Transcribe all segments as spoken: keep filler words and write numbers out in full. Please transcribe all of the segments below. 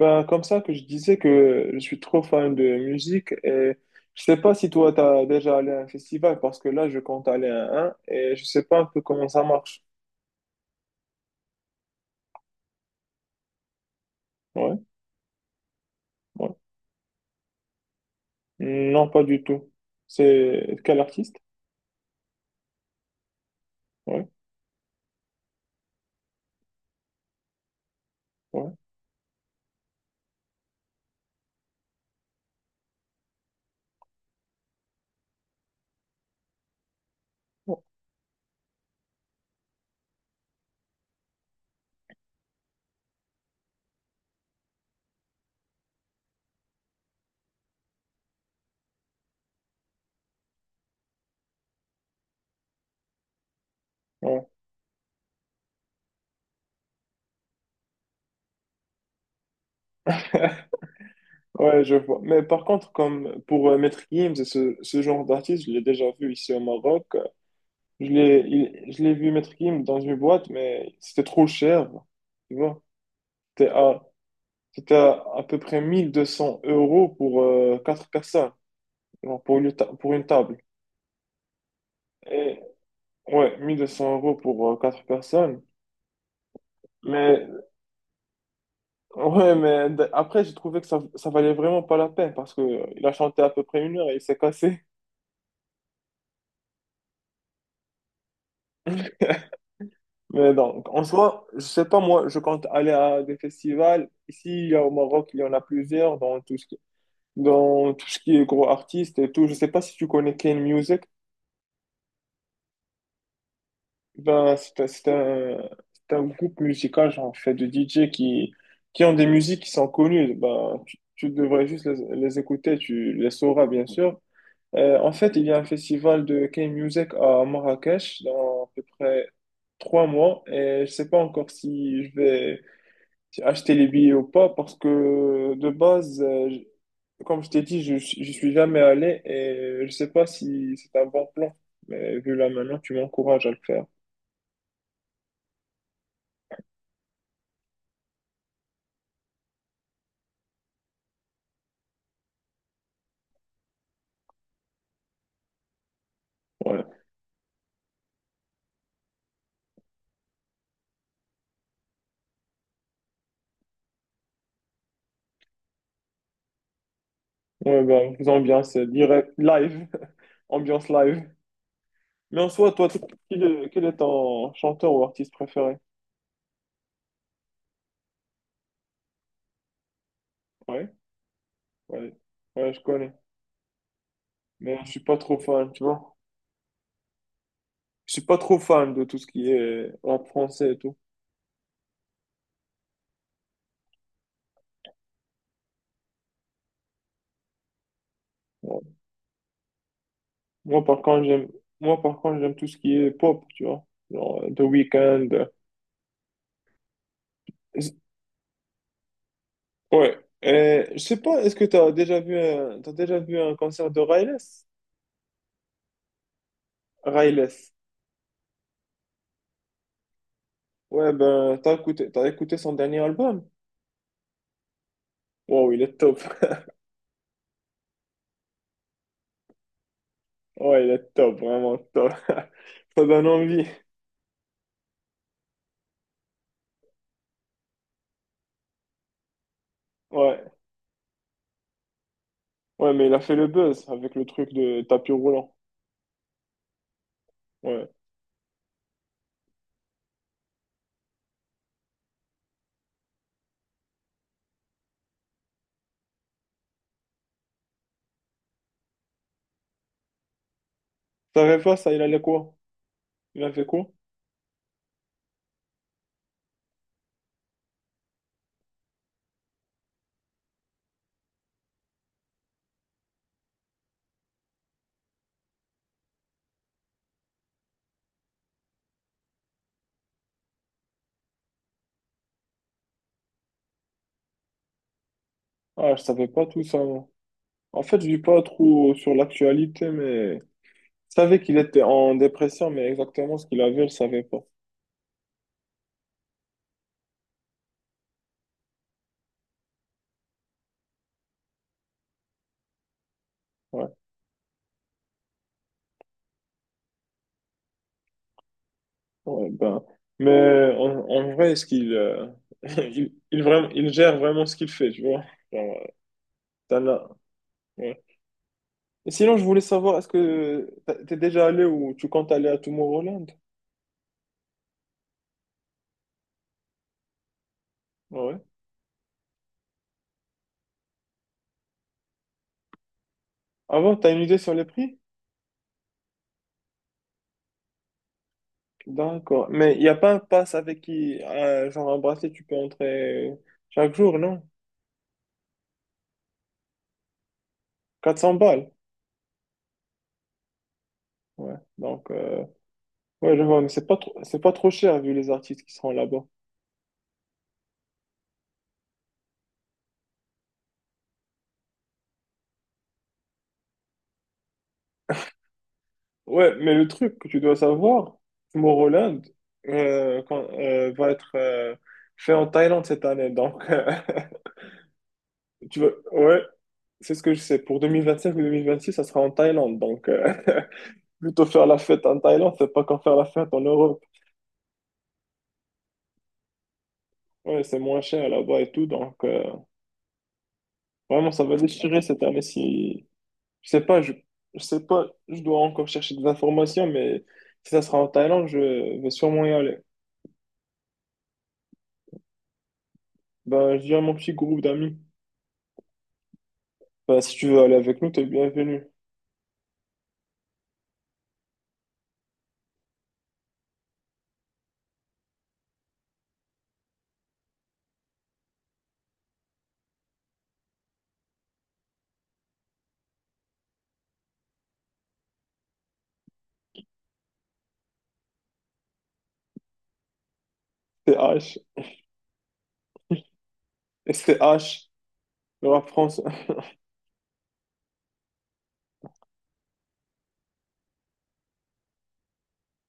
Ben, comme ça que je disais que je suis trop fan de musique et je sais pas si toi t'as déjà allé à un festival parce que là je compte aller à un et je sais pas un peu comment ça marche. Ouais, ouais. Non, pas du tout. C'est quel artiste? Ouais, ouais, ouais. Ouais, ouais, je vois. Mais par contre, comme pour euh, Maître Gims et ce, ce genre d'artiste, je l'ai déjà vu ici au Maroc. Je l'ai, il- je l'ai vu Maître Gims dans une boîte, mais c'était trop cher. Tu vois? C'était à, C'était à, à peu près mille deux cents euros pour euh, quatre personnes, genre pour une, ta- pour une table. Et ouais, mille deux cents euros pour euh, quatre personnes. Mais ouais, mais d- après, j'ai trouvé que ça, ça valait vraiment pas la peine parce que euh, il a chanté à peu près une heure et il s'est cassé. Mais donc, en soi, je sais pas, moi, je compte aller à des festivals. Ici, il y a au Maroc, il y en a plusieurs dans tout ce qui, dans tout ce qui est gros artistes et tout. Je sais pas si tu connais Kane Music. Ben, c'est un, c'est un- c'est un groupe musical, genre, en fait de D J qui, qui ont des musiques qui sont connues. Ben, tu, tu devrais juste les, les écouter, tu les sauras, bien sûr. Euh, en fait, il y a un festival de K-Music à Marrakech dans à peu près trois mois et je sais pas encore si je vais si acheter les billets ou pas parce que de base, euh, je- comme je t'ai dit, je, je suis jamais allé et je sais pas si c'est un bon plan. Mais vu là maintenant, tu m'encourages à le faire. Ouais. Ouais, ben faisons bien, c'est direct, live, ambiance live. Mais en soi, toi, t- quel est, quel est ton chanteur ou artiste préféré? Ouais, ouais, ouais, je connais. Mais je suis pas trop fan, tu vois. Je suis pas trop fan de tout ce qui est rap français et tout. Ouais. Moi, par contre, j'aime, moi, par contre, j'aime tout ce qui est pop, tu vois. Genre, euh, The Weeknd. euh, z- Ouais. Et, je sais pas, est-ce que t'as déjà vu un, t'as déjà vu un concert de Riles? Riles. Ouais, ben, t'as écouté, t'as écouté son dernier album? Wow, il est top. Ouais, il est top, vraiment top. Ça donne envie. Ouais. Ouais, mais il a fait le buzz avec le truc de tapis roulant. Ouais. Je savais pas ça, il allait quoi? Il a fait quoi? Ah, je savais pas tout ça. Moi. En fait, je lis pas trop sur l'actualité, mais je savais qu'il était en dépression, mais exactement ce qu'il avait, je savais pas. Ouais. Ouais, ben. Mais en, en vrai, est-ce qu'il euh, il, il, vraiment, il gère vraiment ce qu'il fait, tu vois? Genre, euh, t'en as- ouais. Et sinon, je voulais savoir, est-ce que t'as- t'es déjà allé ou tu comptes aller à Tomorrowland? Ouais. Avant, t'as une idée sur les prix? D'accord. Mais il n'y a pas un pass avec qui, un- genre un bracelet, tu peux entrer chaque jour, non? Quatre cents balles. Ouais. Donc, euh, ouais, je vois, mais c'est pas trop, c'est pas trop cher vu les artistes qui seront là-bas. Ouais, mais le truc que tu dois savoir, Tomorrowland euh, quand- euh, va être euh, fait en Thaïlande cette année. Donc, Tu veux... Ouais, c'est ce que je sais. Pour deux mille vingt-cinq ou deux mille vingt-six, ça sera en Thaïlande. Donc, euh, plutôt faire la fête en Thaïlande, c'est pas qu'en faire la fête en Europe. Ouais, c'est moins cher là-bas et tout. Donc, euh, vraiment, ça va déchirer cette année si... Je sais pas, je... je sais pas, je dois encore chercher des informations, mais si ça sera en Thaïlande, je vais sûrement y aller. Ben, je dirais à mon petit groupe d'amis. Bah, si tu veux aller avec nous, t'es le bienvenu. S T H. H le rap français.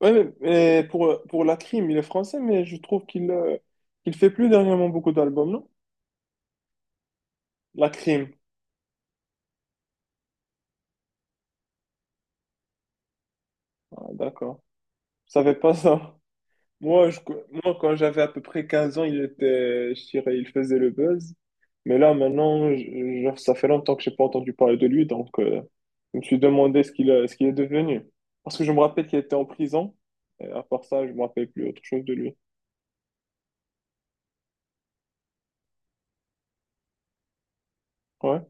Ouais, mais, mais pour, pour la crime, il est français, mais je trouve qu'il euh, qu'il fait plus dernièrement beaucoup d'albums, non? La crime. Ah, d'accord. Je savais pas ça. Moi, je, moi, quand j'avais à peu près quinze ans, il était, je dirais, il faisait le buzz. Mais là, maintenant, je- genre, ça fait longtemps que j'ai pas entendu parler de lui, donc euh, je me suis demandé ce qu'il a- ce qu'il est devenu. Parce que je me rappelle qu'il était en prison. Et à part ça, je me rappelle plus autre chose de lui. Ouais.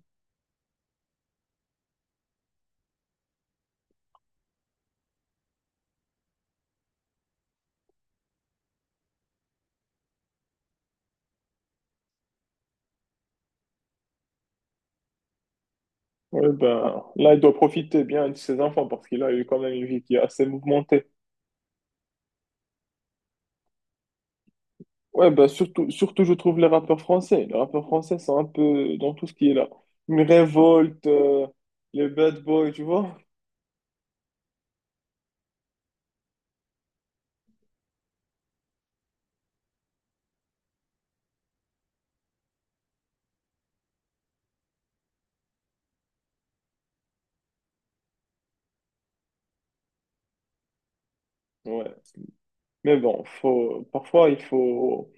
Ouais, ben, là, il doit profiter bien de ses enfants parce qu'il a eu quand même une vie qui est assez mouvementée. Ouais, ben, surtout, surtout, je trouve les rappeurs français. Les rappeurs français sont un peu dans tout ce qui est là. Une révolte, euh, les bad boys, tu vois? Ouais. Mais bon, faut, parfois, il faut,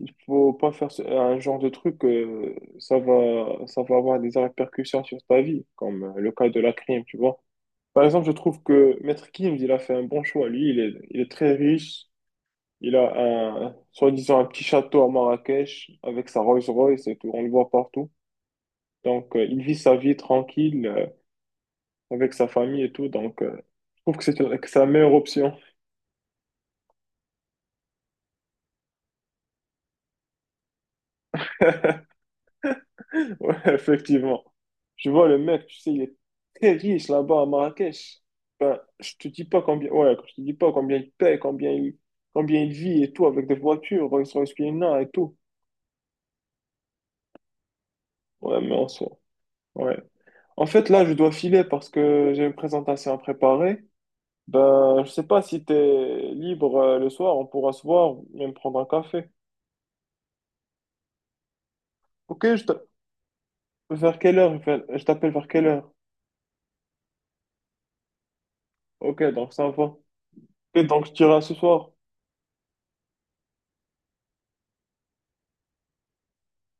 il faut pas faire ce- un genre de truc, euh, ça va, ça va avoir des répercussions sur ta vie, comme euh, le cas de la crime, tu vois. Par exemple, je trouve que Maître Gims, il a fait un bon choix. Lui, il est, il est très riche. Il a un, soi-disant, un petit château à Marrakech avec sa Rolls-Royce et tout. On le voit partout. Donc, euh, il vit sa vie tranquille, euh, avec sa famille et tout. Donc, euh, je trouve que c'est que c'est la meilleure option. Ouais, effectivement. Je vois, le mec, tu sais, il est très riche là-bas à Marrakech. Ben, je te dis pas combien, ouais, je te dis pas combien il paye, combien il, combien il vit et tout, avec des voitures, Rolls-Royce Piana et tout. Ouais, mais en soi, ouais. En fait, là, je dois filer parce que j'ai une présentation à préparer. Ben, je sais pas si t'es libre euh, le soir, on pourra se voir et me prendre un café. Ok, je te- vers quelle heure, je t'appelle vers quelle heure? Ok, donc ça va. Et donc je t'irai ce soir.